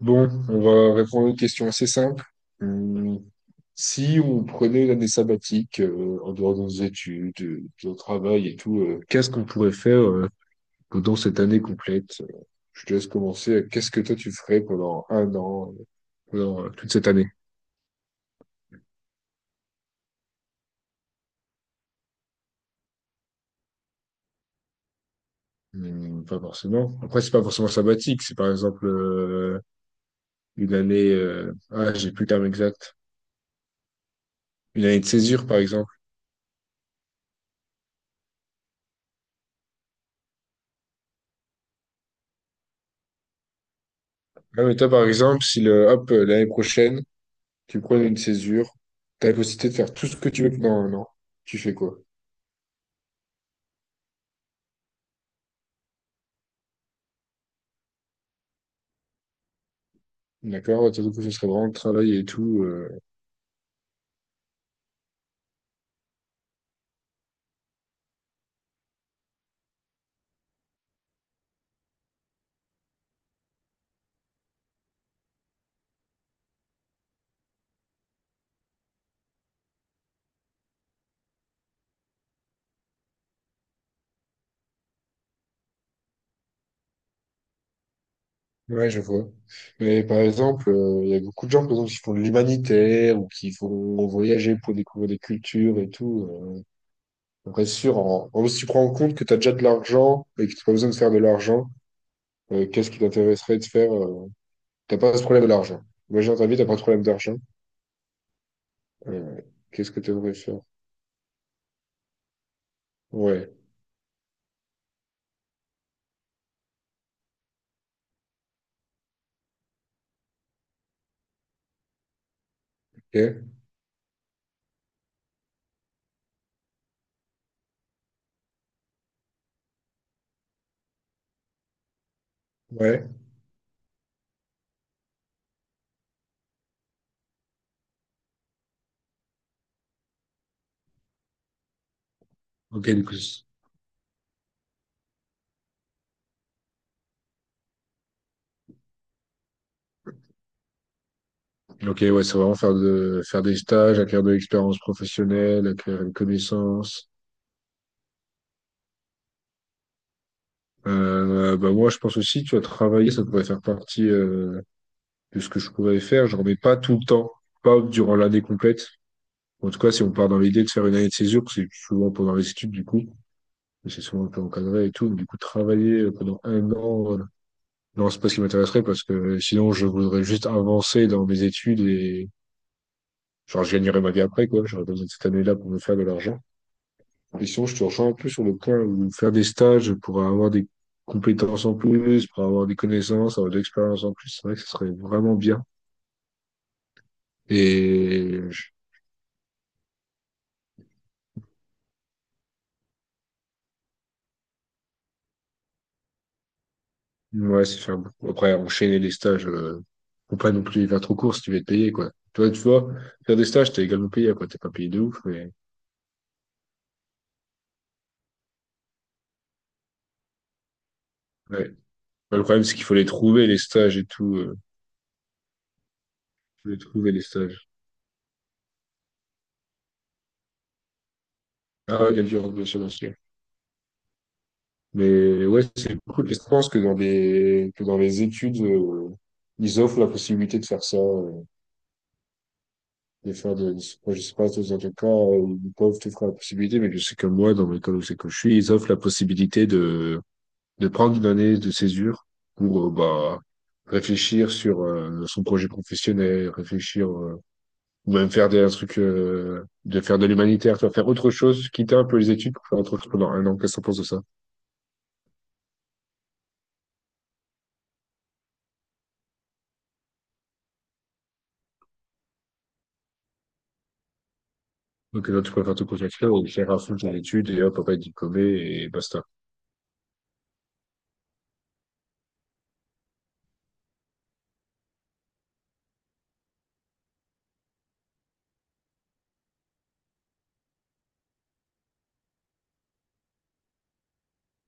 Bon, on va répondre à une question assez simple. Hum, Si on prenait une année sabbatique en dehors de nos études, de notre travail et tout, qu'est-ce qu'on pourrait faire pendant cette année complète? Je te laisse commencer. Qu'est-ce que toi tu ferais pendant un an, pendant toute cette année? Pas forcément. Après, c'est pas forcément sabbatique. C'est par exemple une année. Ah, j'ai plus le terme exact. Une année de césure, par exemple. Ah, mais toi, par exemple, si le, hop, l'année prochaine, tu prends une césure, t'as la possibilité de faire tout ce que tu veux pendant un an. Tu fais quoi? D'accord? Surtout que ce serait vraiment le travail et tout. Ouais, je vois. Mais par exemple, il y a beaucoup de gens, par exemple, qui font de l'humanitaire ou qui vont voyager pour découvrir des cultures et tout. Après, c'est sûr, si tu prends en compte que t'as déjà de l'argent et que tu pas besoin de faire de l'argent, qu'est-ce qui t'intéresserait de faire? T'as pas ce problème de l'argent. Imagine dans ta vie, t'as pas de problème d'argent. Euh, Qu'est-ce que tu aimerais faire? Ouais. Ok. Ouais. Ok, du coup. Ok, ouais, c'est vraiment faire de faire des stages, acquérir de l'expérience professionnelle, acquérir une connaissance. Bah moi, je pense aussi, tu as travaillé, ça pourrait faire partie de ce que je pourrais faire. Je remets pas tout le temps, pas durant l'année complète. En tout cas, si on part dans l'idée de faire une année de césure, c'est souvent pendant les études du coup, mais c'est souvent un peu encadré et tout. Mais du coup, travailler pendant un an, non, c'est pas ce qui m'intéresserait parce que sinon, je voudrais juste avancer dans mes études et genre, je gagnerais ma vie après quoi. J'aurais besoin de cette année-là pour me faire de l'argent. Et sinon, je te rejoins un peu sur le point où faire des stages pour avoir des compétences en plus, pour avoir des connaissances, avoir de l'expérience en plus, c'est vrai que ce serait vraiment bien. Et je- ouais, c'est faire beaucoup. Après, enchaîner les stages, faut pas non plus les faire trop court si tu veux être payé, quoi. Toi, tu vois, faire des stages, t'es également payé, quoi. T'es pas payé de ouf, mais ouais. Ouais, le problème, c'est qu'il faut les trouver, les stages et tout. Faut les trouver, les stages. Ah, ouais, il y a du remboursement. Mais ouais, c'est cool. Et je pense que que dans les études, ils offrent la possibilité de faire ça, de faire de, moi, je sais pas, dans quel cas, ils peuvent te faire la possibilité, mais je sais que moi, dans l'école où c'est que je suis, ils offrent la possibilité de prendre une année de césure pour, bah, réfléchir sur, son projet professionnel, réfléchir, ou même un truc de faire de l'humanitaire, tu vas faire autre chose, quitter un peu les études pour faire autre chose pendant un an. Qu'est-ce que tu penses de ça? Donc là, tu préfères te concentrer et faire à fond ton étude et hop, papa être diplômé et basta.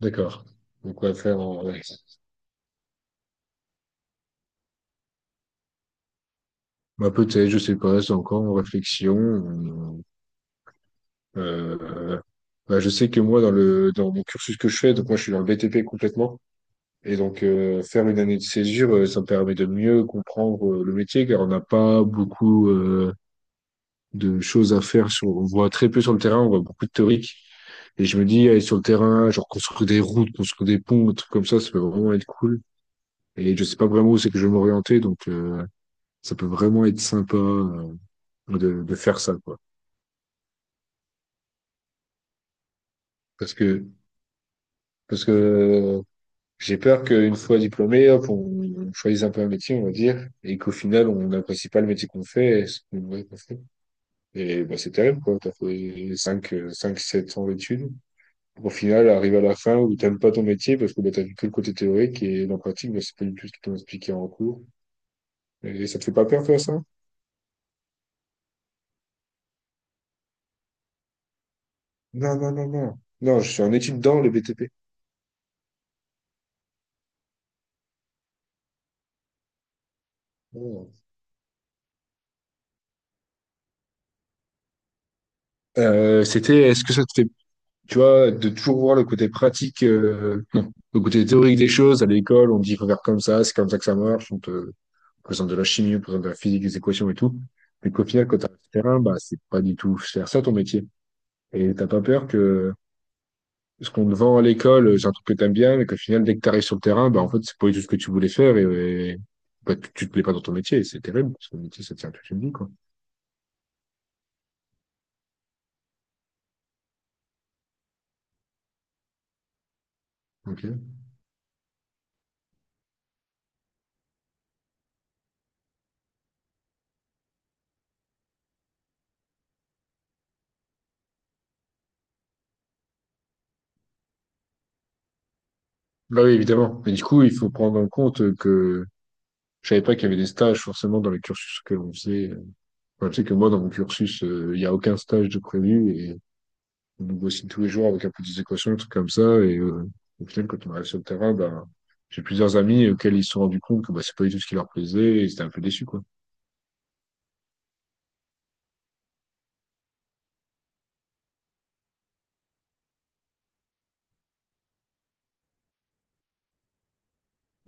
D'accord. Donc, on va faire en... ouais. Bah, peut-être, je sais pas, c'est encore en réflexion. Euh, bah, je sais que moi, dans mon cursus que je fais, donc moi, je suis dans le BTP complètement. Et donc, faire une année de césure, ça me permet de mieux comprendre le métier, car on n'a pas beaucoup de choses à faire. Sur, on voit très peu sur le terrain, on voit beaucoup de théorique. Et je me dis, aller sur le terrain, genre construire des routes, construire des ponts, des trucs comme ça peut vraiment être cool. Et je sais pas vraiment où c'est que je vais m'orienter, donc ça peut vraiment être sympa de faire ça, quoi. Parce que parce que J'ai peur qu'une fois diplômé, hop, on choisisse un peu un métier, on va dire, et qu'au final, on n'apprécie pas le métier qu'on fait et ce qu'on ouais, qu'on fait. Et bah, c'est terrible, quoi. T'as fait 5, 7 ans d'études. Au final, arrive à la fin où t'aimes pas ton métier parce que bah, t'as vu que le côté théorique et dans la pratique, bah, c'est pas du tout ce qu'ils t'ont expliqué en cours. Et ça te fait pas peur, toi, ça? Non, non, non, non. Non, je suis en études dans le BTP. Oh. C'était, est-ce que ça te fait tu vois, de toujours voir le côté pratique, non, le côté théorique des choses. À l'école, on dit qu'il faut faire comme ça, c'est comme ça que ça marche. On te présente de la chimie, on te présente de la physique, des équations et tout. Mais qu'au final, quand t'as le terrain, bah, c'est pas du tout faire ça ton métier. Et t'as pas peur que ce qu'on te vend à l'école, c'est un truc que t'aimes bien, mais qu'au final, dès que t'arrives sur le terrain, bah, en fait, c'est pas du tout ce que tu voulais faire et bah, tu te plais pas dans ton métier. Et c'est terrible, parce que le métier, ça tient toute une vie, quoi. Ok. Bah oui, évidemment. Mais du coup, il faut prendre en compte que je savais pas qu'il y avait des stages forcément dans les cursus que l'on faisait. Enfin, tu sais que moi, dans mon cursus, il n'y a aucun stage de prévu et on nous bossine tous les jours avec un peu des équations, des trucs comme ça. Et au final, quand on arrive sur le terrain, ben, j'ai plusieurs amis auxquels ils se sont rendus compte que bah, c'est pas du tout ce qui leur plaisait et ils étaient un peu déçus, quoi.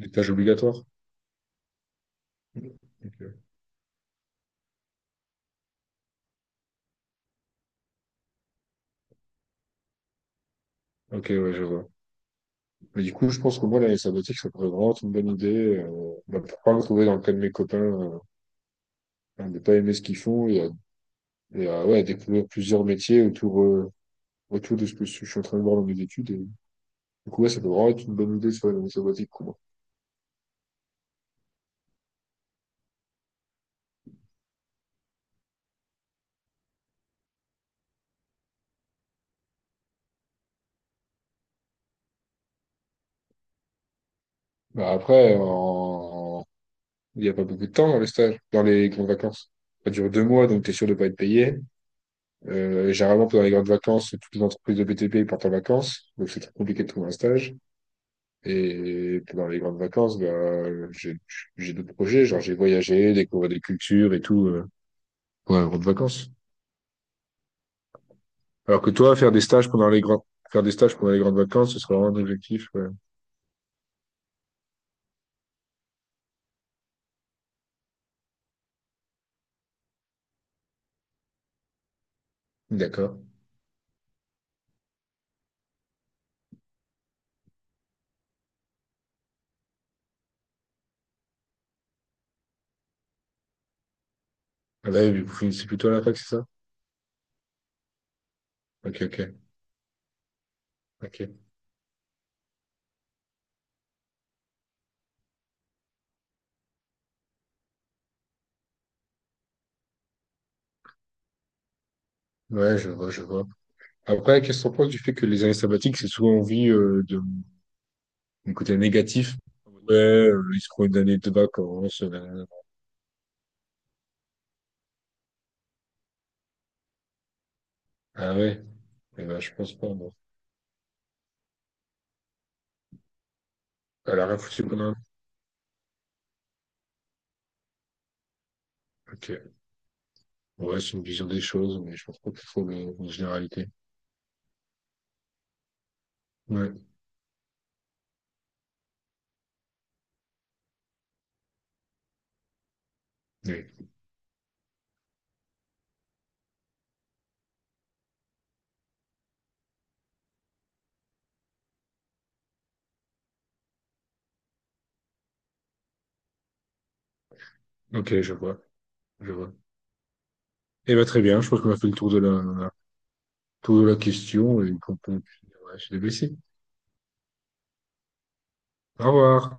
Les tâches obligatoires. Ok, ok, ouais, je vois. Mais du coup, je pense que moi, l'année sabbatique, ça pourrait vraiment être une bonne idée. Bah, pour pas me trouver dans le cas de mes copains, à ne pas aimer ce qu'ils font et à, ouais, à découvrir plusieurs métiers autour, autour de ce que je suis en train de voir dans mes études. Du coup, ouais, ça peut vraiment être une bonne idée sur les missions basiques pour moi. Bah, après, il n'y a pas beaucoup de temps dans les stages, dans les grandes vacances. Ça dure deux mois, donc tu es sûr de pas être payé. Généralement, pendant les grandes vacances, toutes les entreprises de BTP partent en vacances, donc c'est très compliqué de trouver un stage. Et pendant les grandes vacances, bah, j'ai j'ai d'autres projets, genre j'ai voyagé, découvert des cultures et tout pendant les grandes vacances. Alors que toi, faire des stages pendant les grandes Faire des stages pendant les grandes vacances, ce serait vraiment un objectif. Ouais. D'accord. Ah bah oui, vous finissez plutôt à la fac, c'est ça? Ok, ok. Ok. Ouais, je vois, je vois. Après, qu'est-ce qu'on pense du fait que les années sabbatiques, c'est souvent envie de mon côté négatif? Ouais, ils se prend une année de vacances. Ah ouais? Eh ben, je pense pas, moi. Elle a rien foutu pendant un- Ok. Ouais, c'est une vision des choses, mais je pense pas que c'est trop le- une généralité. Ouais. Oui. Ok, je vois, je vois. Eh ben, très bien, je pense qu'on a fait le tour de tour de la question et qu'on peut... Ouais, je suis déblessé. Au revoir.